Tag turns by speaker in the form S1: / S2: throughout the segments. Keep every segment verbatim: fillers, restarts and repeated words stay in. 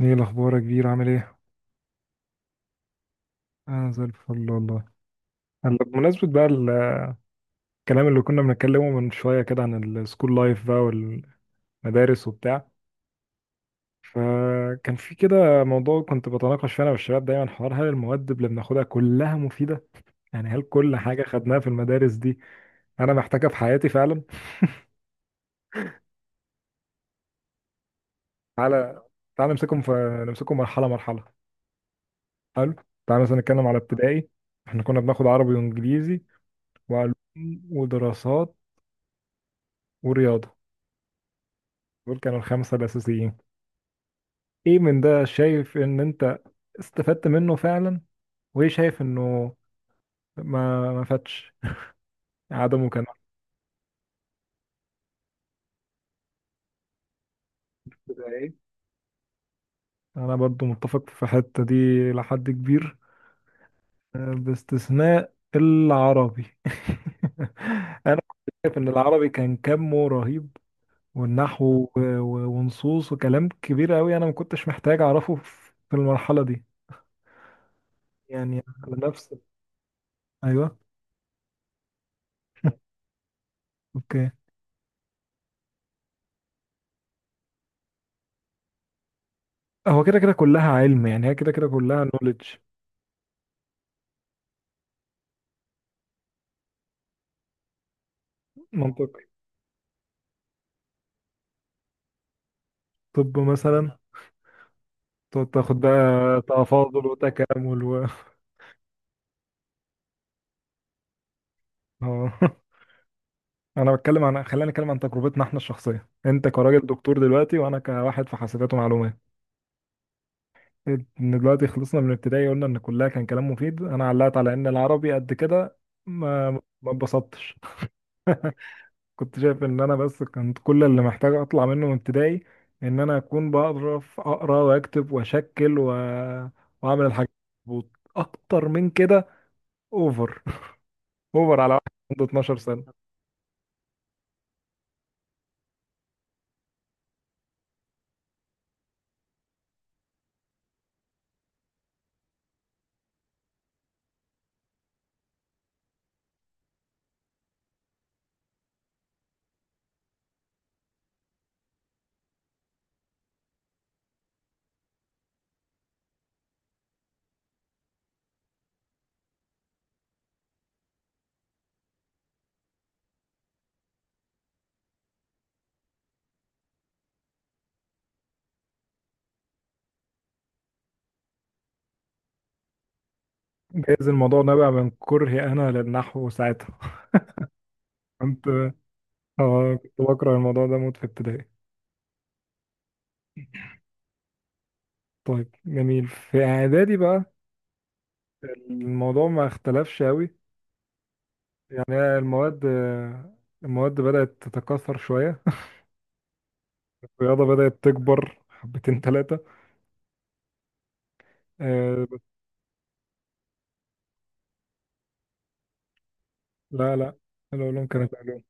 S1: ايه الاخبار يا كبير؟ عامل ايه؟ انا زي الفل والله. هلا، بمناسبه بقى الكلام اللي كنا بنتكلمه من شويه كده عن السكول لايف بقى والمدارس وبتاع. فكان في كده موضوع كنت بتناقش فيه انا والشباب دايما، حوار هل المواد اللي بناخدها كلها مفيده؟ يعني هل كل حاجه خدناها في المدارس دي انا محتاجها في حياتي فعلا؟ تعالى. تعالى نمسكهم في نمسكهم مرحله مرحله. حلو. تعالى مثلا نتكلم على ابتدائي. احنا كنا بناخد عربي وانجليزي وعلوم ودراسات ورياضه. دول كانوا الخمسه الاساسيين. ايه من ده شايف ان انت استفدت منه فعلا؟ وايه شايف انه ما ما فاتش عدمه كان أحسن؟ ده ايه؟ انا برضو متفق في الحتة دي لحد كبير، آه، باستثناء العربي. انا كنت شايف ان العربي كان كمه رهيب، والنحو و- و- ونصوص وكلام كبير قوي، انا ما كنتش محتاج اعرفه في في المرحلة دي، يعني. على نفس. ايوه. اوكي. هو كده كده كلها علم، يعني هي كده كده كلها نوليدج. منطقي. طب مثلا تقعد تاخد بقى تفاضل وتكامل و اه انا بتكلم عن خلينا نتكلم عن تجربتنا احنا الشخصيه، انت كراجل دكتور دلوقتي وانا كواحد في حاسبات ومعلومات. ان دلوقتي خلصنا من ابتدائي، قلنا ان كلها كان كلام مفيد، انا علقت على ان العربي قد كده ما ما اتبسطتش. كنت شايف ان انا بس كنت كل اللي محتاج اطلع منه من ابتدائي، ان انا اكون بعرف اقرا واكتب واشكل و... واعمل الحاجات. مظبوط. اكتر من كده اوفر، اوفر على واحد عنده 12 سنه. جايز الموضوع نابع من كرهي انا للنحو ساعتها. كنت اه كنت بكره الموضوع ده موت في ابتدائي. طيب جميل. في اعدادي بقى الموضوع ما اختلفش قوي، يعني. المواد المواد بدات تتكاثر شويه. الرياضه بدات تكبر حبتين ثلاثه، آه بس. لا لا، العلوم كانت علوم.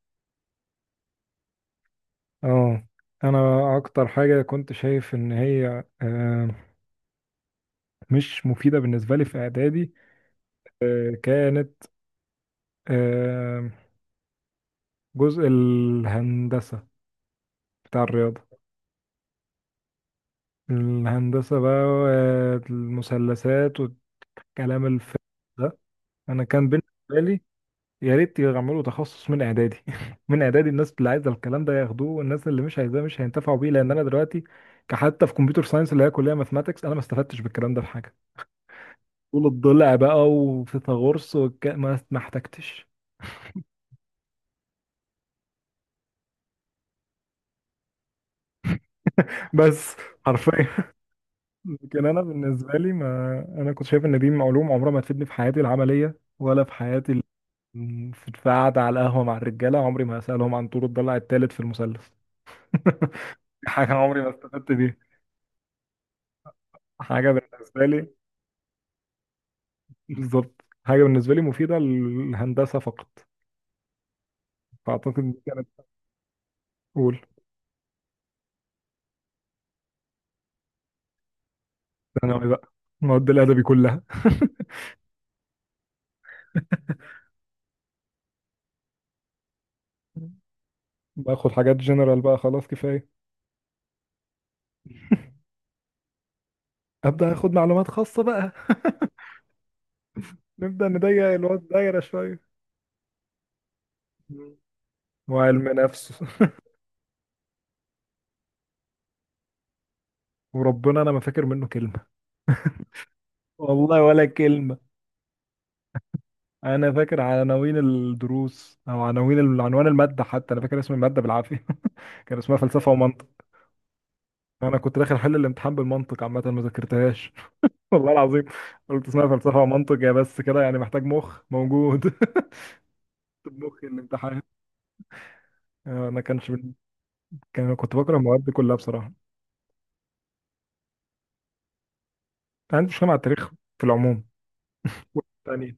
S1: اه. انا اكتر حاجه كنت شايف ان هي آه مش مفيده بالنسبه لي في اعدادي، أه كانت آه، جزء الهندسة بتاع الرياضة. الهندسة بقى، آه، المثلثات والكلام الفارغ ده. أنا كان بالنسبة لي يا ريت يعملوا تخصص من إعدادي. من إعدادي، الناس اللي عايزة الكلام ده ياخدوه، والناس اللي مش عايزاه مش هينتفعوا بيه، لأن أنا دلوقتي كحتى في كمبيوتر ساينس اللي هي كلية ماثماتكس أنا ما استفدتش بالكلام ده في حاجة. طول الضلع بقى وفيثاغورس والك... ما ما احتجتش. بس حرفيا. لكن انا بالنسبه لي، ما انا كنت شايف ان دي علوم عمرها ما تفيدني في حياتي العمليه ولا في حياتي ال- في في قعده على القهوه مع الرجاله عمري ما هسالهم عن طور الضلع الثالث في المثلث. حاجه عمري ما استفدت بيها. حاجه بالنسبه لي. بالظبط. حاجه بالنسبه لي مفيده للهندسه فقط. فاعتقد دي كانت اول. ثانوي بقى، المواد الادبي كلها. باخد حاجات جنرال بقى، خلاص كفايه. ابدا اخد معلومات خاصه بقى. نبدا نضيق الوقت، دايره شويه. وعلم نفس. وربنا انا ما فاكر منه كلمة. والله ولا كلمة. انا فاكر عناوين الدروس او عناوين ال- عنوان المادة، حتى انا فاكر اسم المادة بالعافية. كان اسمها فلسفة ومنطق. انا كنت داخل احل الامتحان بالمنطق، عامة ما ذاكرتهاش. والله العظيم. قلت اسمها فلسفة ومنطق، يا بس كده يعني محتاج مخ موجود. مخ الامتحان. آه، انا كانش بال- كان كنت بكره المواد دي كلها بصراحة. أنا عندي مشكلة مع التاريخ في العموم. تاني.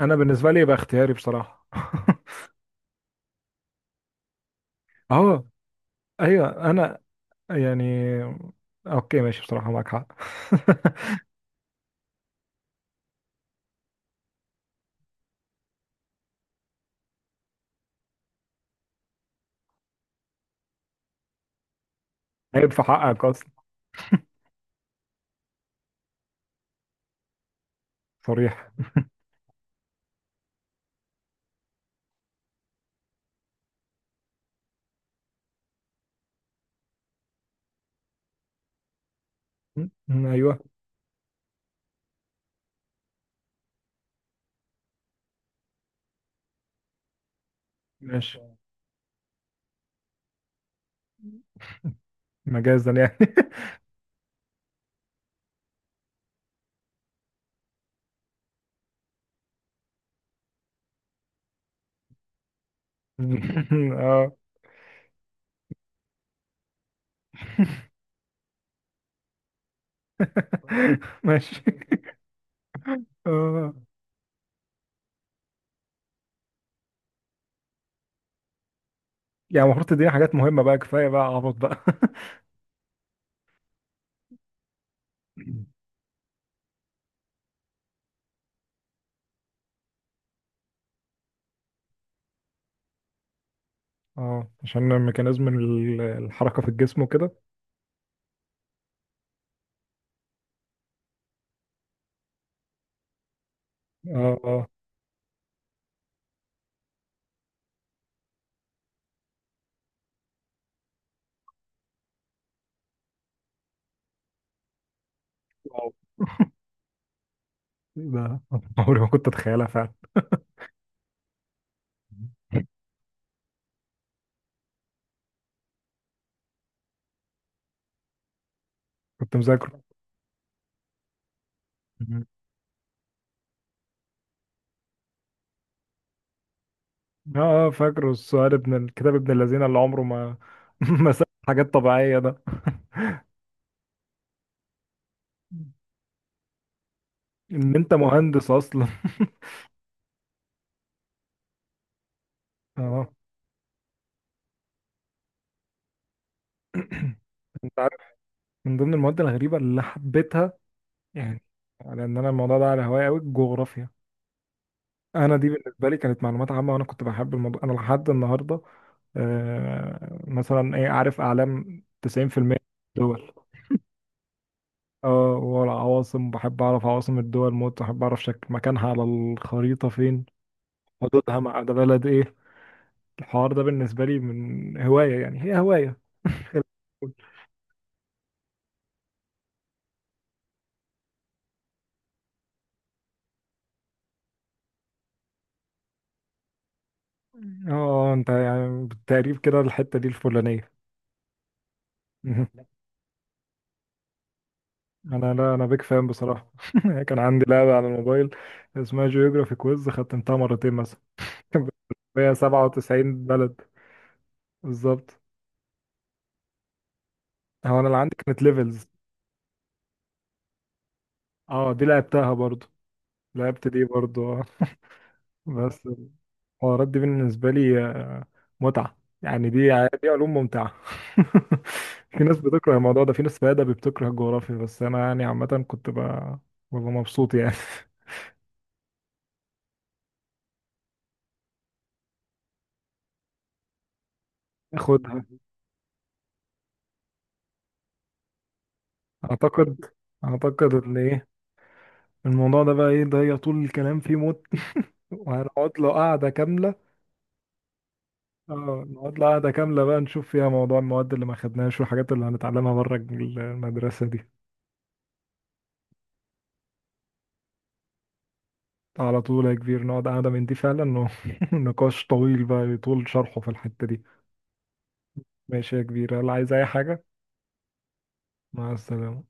S1: انا بالنسبة لي يبقى اختياري بصراحة. اه. ايوه. انا، يعني، اوكي ماشي بصراحة، معاك حق. عيب في حقك اصلا. صريح. م- ايوه. ماشي، مجازا يعني. اه. ماشي. اه. يعني المفروض تديني حاجات مهمة بقى، كفاية بقى عبط بقى. اه، عشان ميكانيزم ال- الحركة في الجسم وكده. اه. اه. واو. ده عمري ما كنت اتخيلها فعلا. كنت مذاكره. مم. اه. آه، فاكره السؤال ابن الكتاب ابن الذين اللي عمره ما ما ساب حاجات طبيعية ده. ان انت مهندس اصلا. اه. انت عارف، من ضمن المواد الغريبه اللي حبيتها، يعني لان انا الموضوع ده على هواية قوي، الجغرافيا. انا دي بالنسبه لي كانت معلومات عامه، وانا كنت بحب الموضوع انا لحد النهارده. آه مثلا ايه، عارف اعلام، تسعين بالمية دول. اه. والعواصم بحب اعرف عواصم الدول موت، بحب اعرف شكل مكانها على الخريطه فين، حدودها مع ده بلد ايه. الحوار ده بالنسبه لي من هوايه، يعني هي هوايه. اه انت يعني بالتقريب كده الحتة دي الفلانية. انا، لا، انا بيك فان بصراحة. كان عندي لعبة على الموبايل اسمها جيوغرافي كويز، ختمتها مرتين مثلا. هي 97 بلد. بالظبط. هو انا اللي عندي كانت ليفلز. اه دي لعبتها برضو. لعبت دي برضو. اه. بس الحوارات دي بالنسبة لي آه، متعة يعني، دي دي علوم ممتعة. في ناس بتكره الموضوع ده، في ناس في أدبي بتكره الجغرافيا، بس أنا يعني عامة كنت ب- ببقى مبسوط يعني. اخدها. اعتقد اعتقد ان ايه الموضوع ده بقى. ايه ده، هي طول الكلام فيه موت، وهنقعد له قعدة كاملة. اه، نقعد له قعدة كاملة بقى، نشوف فيها موضوع المواد اللي ما خدناهاش والحاجات اللي هنتعلمها بره المدرسة دي. على طول يا كبير، نقعد قعدة من دي فعلا و- نقاش طويل بقى يطول شرحه في الحتة دي. ماشي يا كبير، هل عايز اي حاجة؟ مع السلامة.